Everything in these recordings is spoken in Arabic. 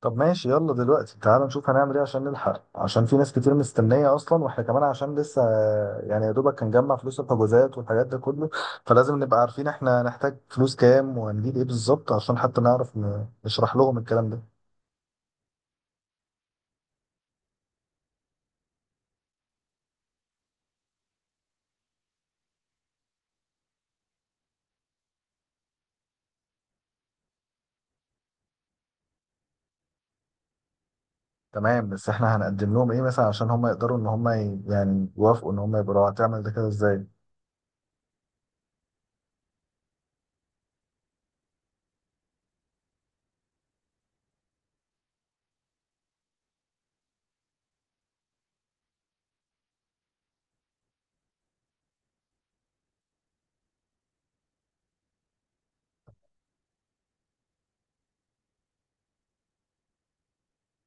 طب ماشي، يلا دلوقتي تعال نشوف هنعمل ايه عشان نلحق، عشان في ناس كتير مستنية اصلا، واحنا كمان عشان لسه يعني يا دوبك هنجمع فلوس الحجوزات والحاجات ده كله. فلازم نبقى عارفين احنا نحتاج فلوس كام وهنجيب ايه بالظبط، عشان حتى نعرف نشرح لهم الكلام ده. تمام، بس احنا هنقدم لهم ايه مثلا عشان هم يقدروا ان هم يعني يوافقوا، ان هم يبقوا هتعمل ده كده ازاي؟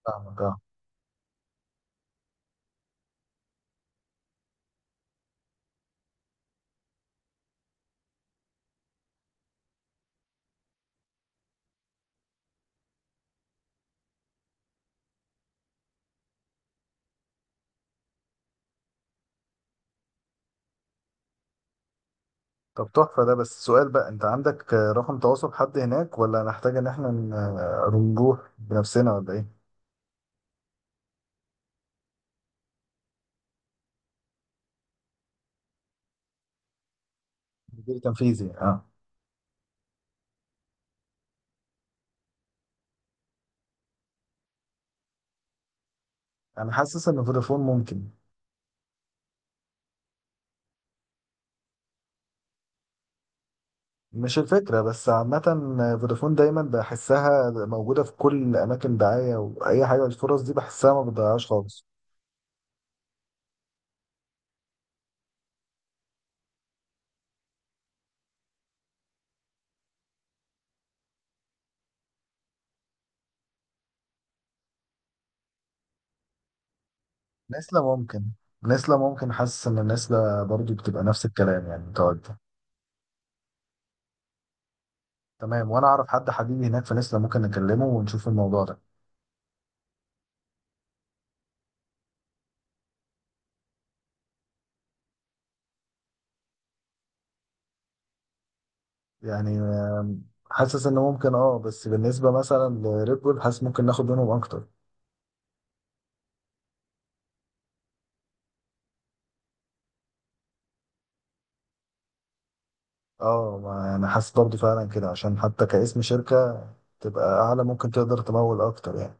فاهمك، اه. طب تحفة، ده بس سؤال بقى، انت عندك رقم تواصل حد هناك، ولا نحتاج ان احنا نروح بنفسنا ولا ايه؟ مدير تنفيذي، اه. انا حاسس ان فودافون ممكن. مش الفكره، بس عامه فودافون دايما بحسها موجوده في كل اماكن دعايه، واي حاجه الفرص دي بحسها ما بتضيعهاش خالص. نسلة ممكن. نسلة ممكن، حاسس ان نسلة برضو بتبقى نفس الكلام يعني متواجده. تمام، وانا اعرف حد حبيبي هناك في نسلة، ممكن نكلمه ونشوف الموضوع ده. يعني حاسس ان ممكن، اه. بس بالنسبه مثلا لريد بول، حاسس ممكن ناخد منهم اكتر. اه، انا حاسس برضو فعلا كده، عشان حتى كاسم شركه تبقى اعلى ممكن تقدر تمول اكتر يعني.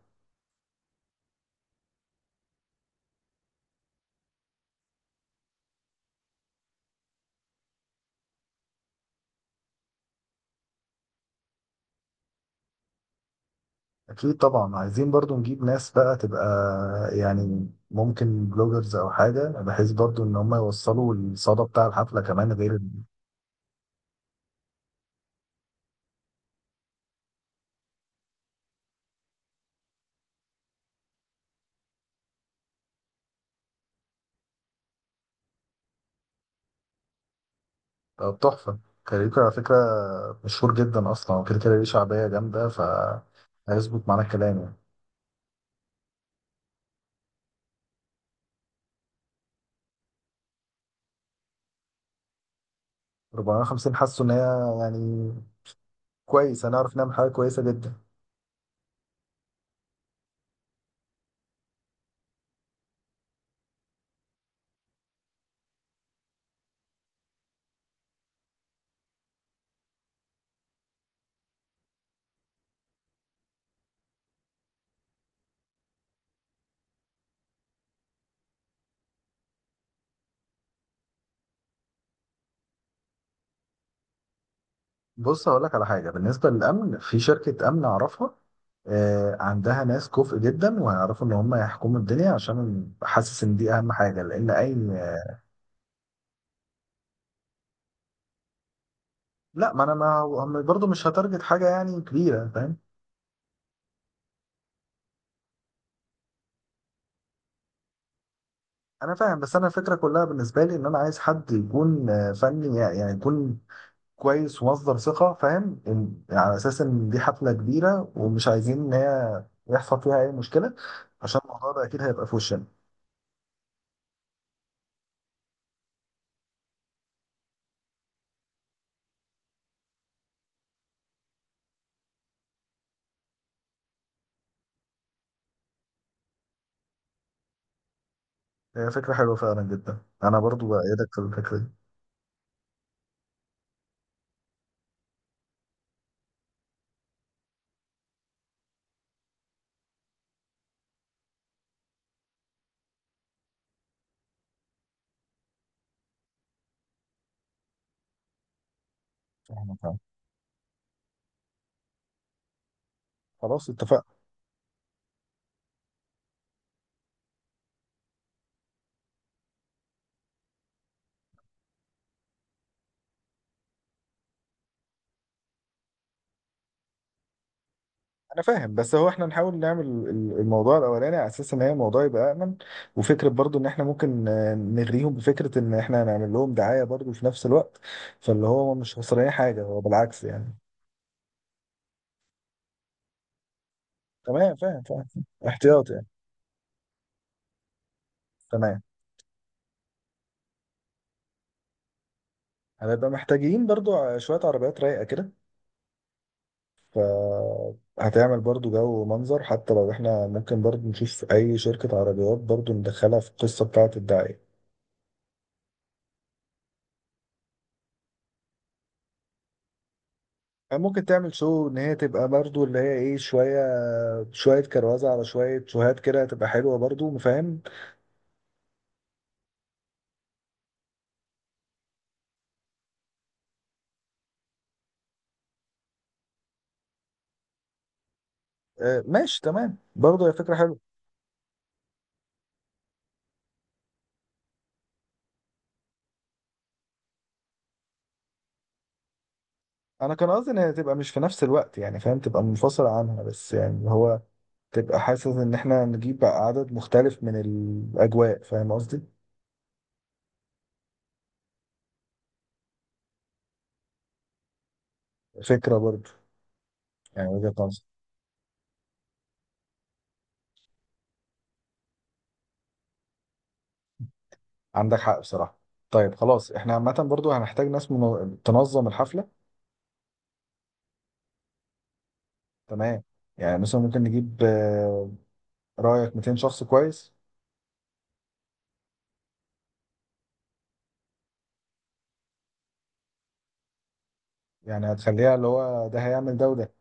اكيد طبعا، عايزين برضو نجيب ناس بقى تبقى يعني ممكن بلوجرز او حاجه، بحيث برضو ان هم يوصلوا الصدى بتاع الحفله كمان غير التحفه. كاريوكا على فكره، مشهور جدا اصلا وكده كده ليه شعبيه جامده، فهيظبط معانا الكلام يعني. 450 حاسه ان هي يعني كويس، هنعرف نعمل حاجه كويسه جدا. بص، هقول لك على حاجه بالنسبه للامن، في شركه امن اعرفها، عندها ناس كفء جدا وهيعرفوا ان هم يحكموا الدنيا، عشان حاسس ان دي اهم حاجه، لان اي. لا، ما انا ما هو برضه مش هتارجت حاجه يعني كبيره، فاهم. انا فاهم، بس انا الفكره كلها بالنسبه لي ان انا عايز حد يكون فني يعني، يكون كويس ومصدر ثقه، فاهم؟ على اساس ان دي حفله كبيره ومش عايزين ان هي يحصل فيها اي مشكله، عشان الموضوع ده اكيد هيبقى في وشنا. هي فكره حلوه فعلا جدا، انا برضو بايدك في الفكره دي. فاهمك، فاهم. خلاص اتفقنا. انا فاهم، بس هو احنا نحاول نعمل الموضوع الاولاني على اساس ان هي الموضوع يبقى امن، وفكره برضو ان احنا ممكن نغريهم بفكره ان احنا هنعمل لهم دعايه برضو في نفس الوقت، فاللي هو مش خسرانين حاجه، هو بالعكس يعني. تمام فاهم فاهم، احتياط يعني. تمام، هنبقى محتاجين برضو شويه عربيات رايقه كده. ف هتعمل برضو جو ومنظر، حتى لو احنا ممكن برضو نشوف اي شركه عربيات برضو ندخلها في القصه بتاعه الدعايه. ممكن تعمل شو ان هي تبقى برضو اللي هي ايه، شويه شويه كروزه على شويه شوهات كده، تبقى حلوه برضو، فاهم؟ آه ماشي، تمام برضو هي فكره حلوه. انا كان قصدي ان هي تبقى مش في نفس الوقت، يعني فاهم تبقى منفصله عنها، بس يعني اللي هو تبقى حاسس ان احنا نجيب بقى عدد مختلف من الاجواء، فاهم قصدي؟ فكره برضو. يعني وجهه نظر. عندك حق بصراحه. طيب خلاص، احنا عامه برضو هنحتاج ناس تنظم الحفله. تمام. يعني مثلا ممكن نجيب، رايك 200 شخص كويس؟ يعني هتخليها اللي هو ده هيعمل ده وده.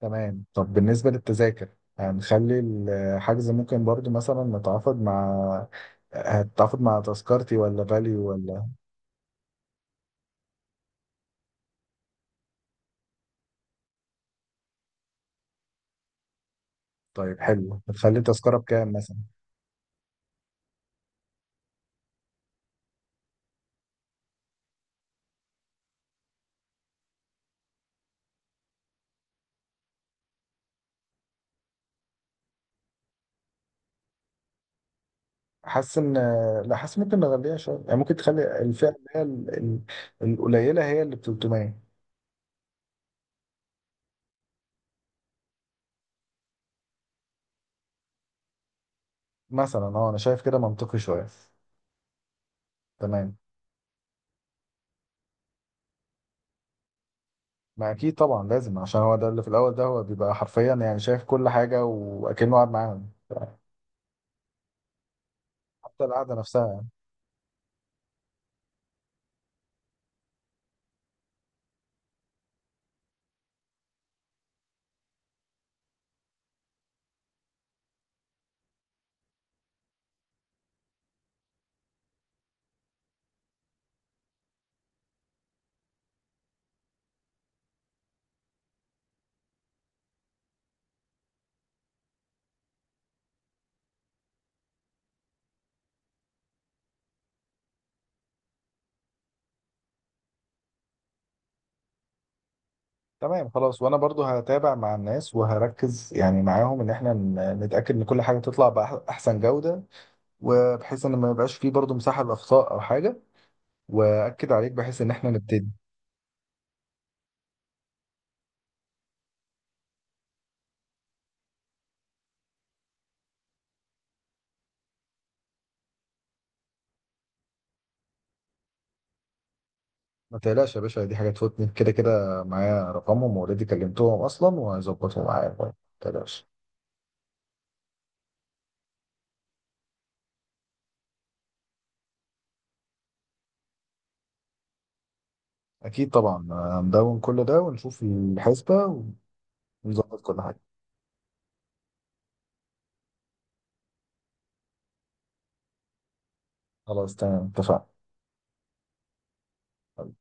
تمام. طب بالنسبة للتذاكر، هنخلي الحجز ممكن برضو مثلا نتعاقد مع، هتتعاقد مع تذكرتي ولا فاليو ولا؟ طيب حلو، هتخلي التذكرة بكام مثلا؟ حاسس ان، لا حاسس ممكن نغليها شوية، يعني ممكن تخلي الفئة اللي هي القليلة هي اللي ب 300 مثلا. اه، انا شايف كده منطقي شوية. تمام. ما اكيد طبعا لازم، عشان هو ده اللي في الاول ده هو بيبقى حرفيا يعني شايف كل حاجة واكنه قاعد معاهم، حتى القعدة نفسها. تمام خلاص، وانا برضو هتابع مع الناس وهركز يعني معاهم ان احنا نتاكد ان كل حاجه تطلع باحسن جوده، وبحيث ان ما يبقاش فيه برضو مساحه لاخطاء او حاجه، واكد عليك بحيث ان احنا نبتدي. ما تقلقش يا باشا، دي حاجه تفوتني، كده كده معايا رقمهم واوريدي كلمتهم اصلا وهيظبطوا معايا، ما تقلقش. اكيد طبعا هندون كل ده ونشوف الحسبه، ونظبط كل حاجه. خلاص تمام اتفقنا.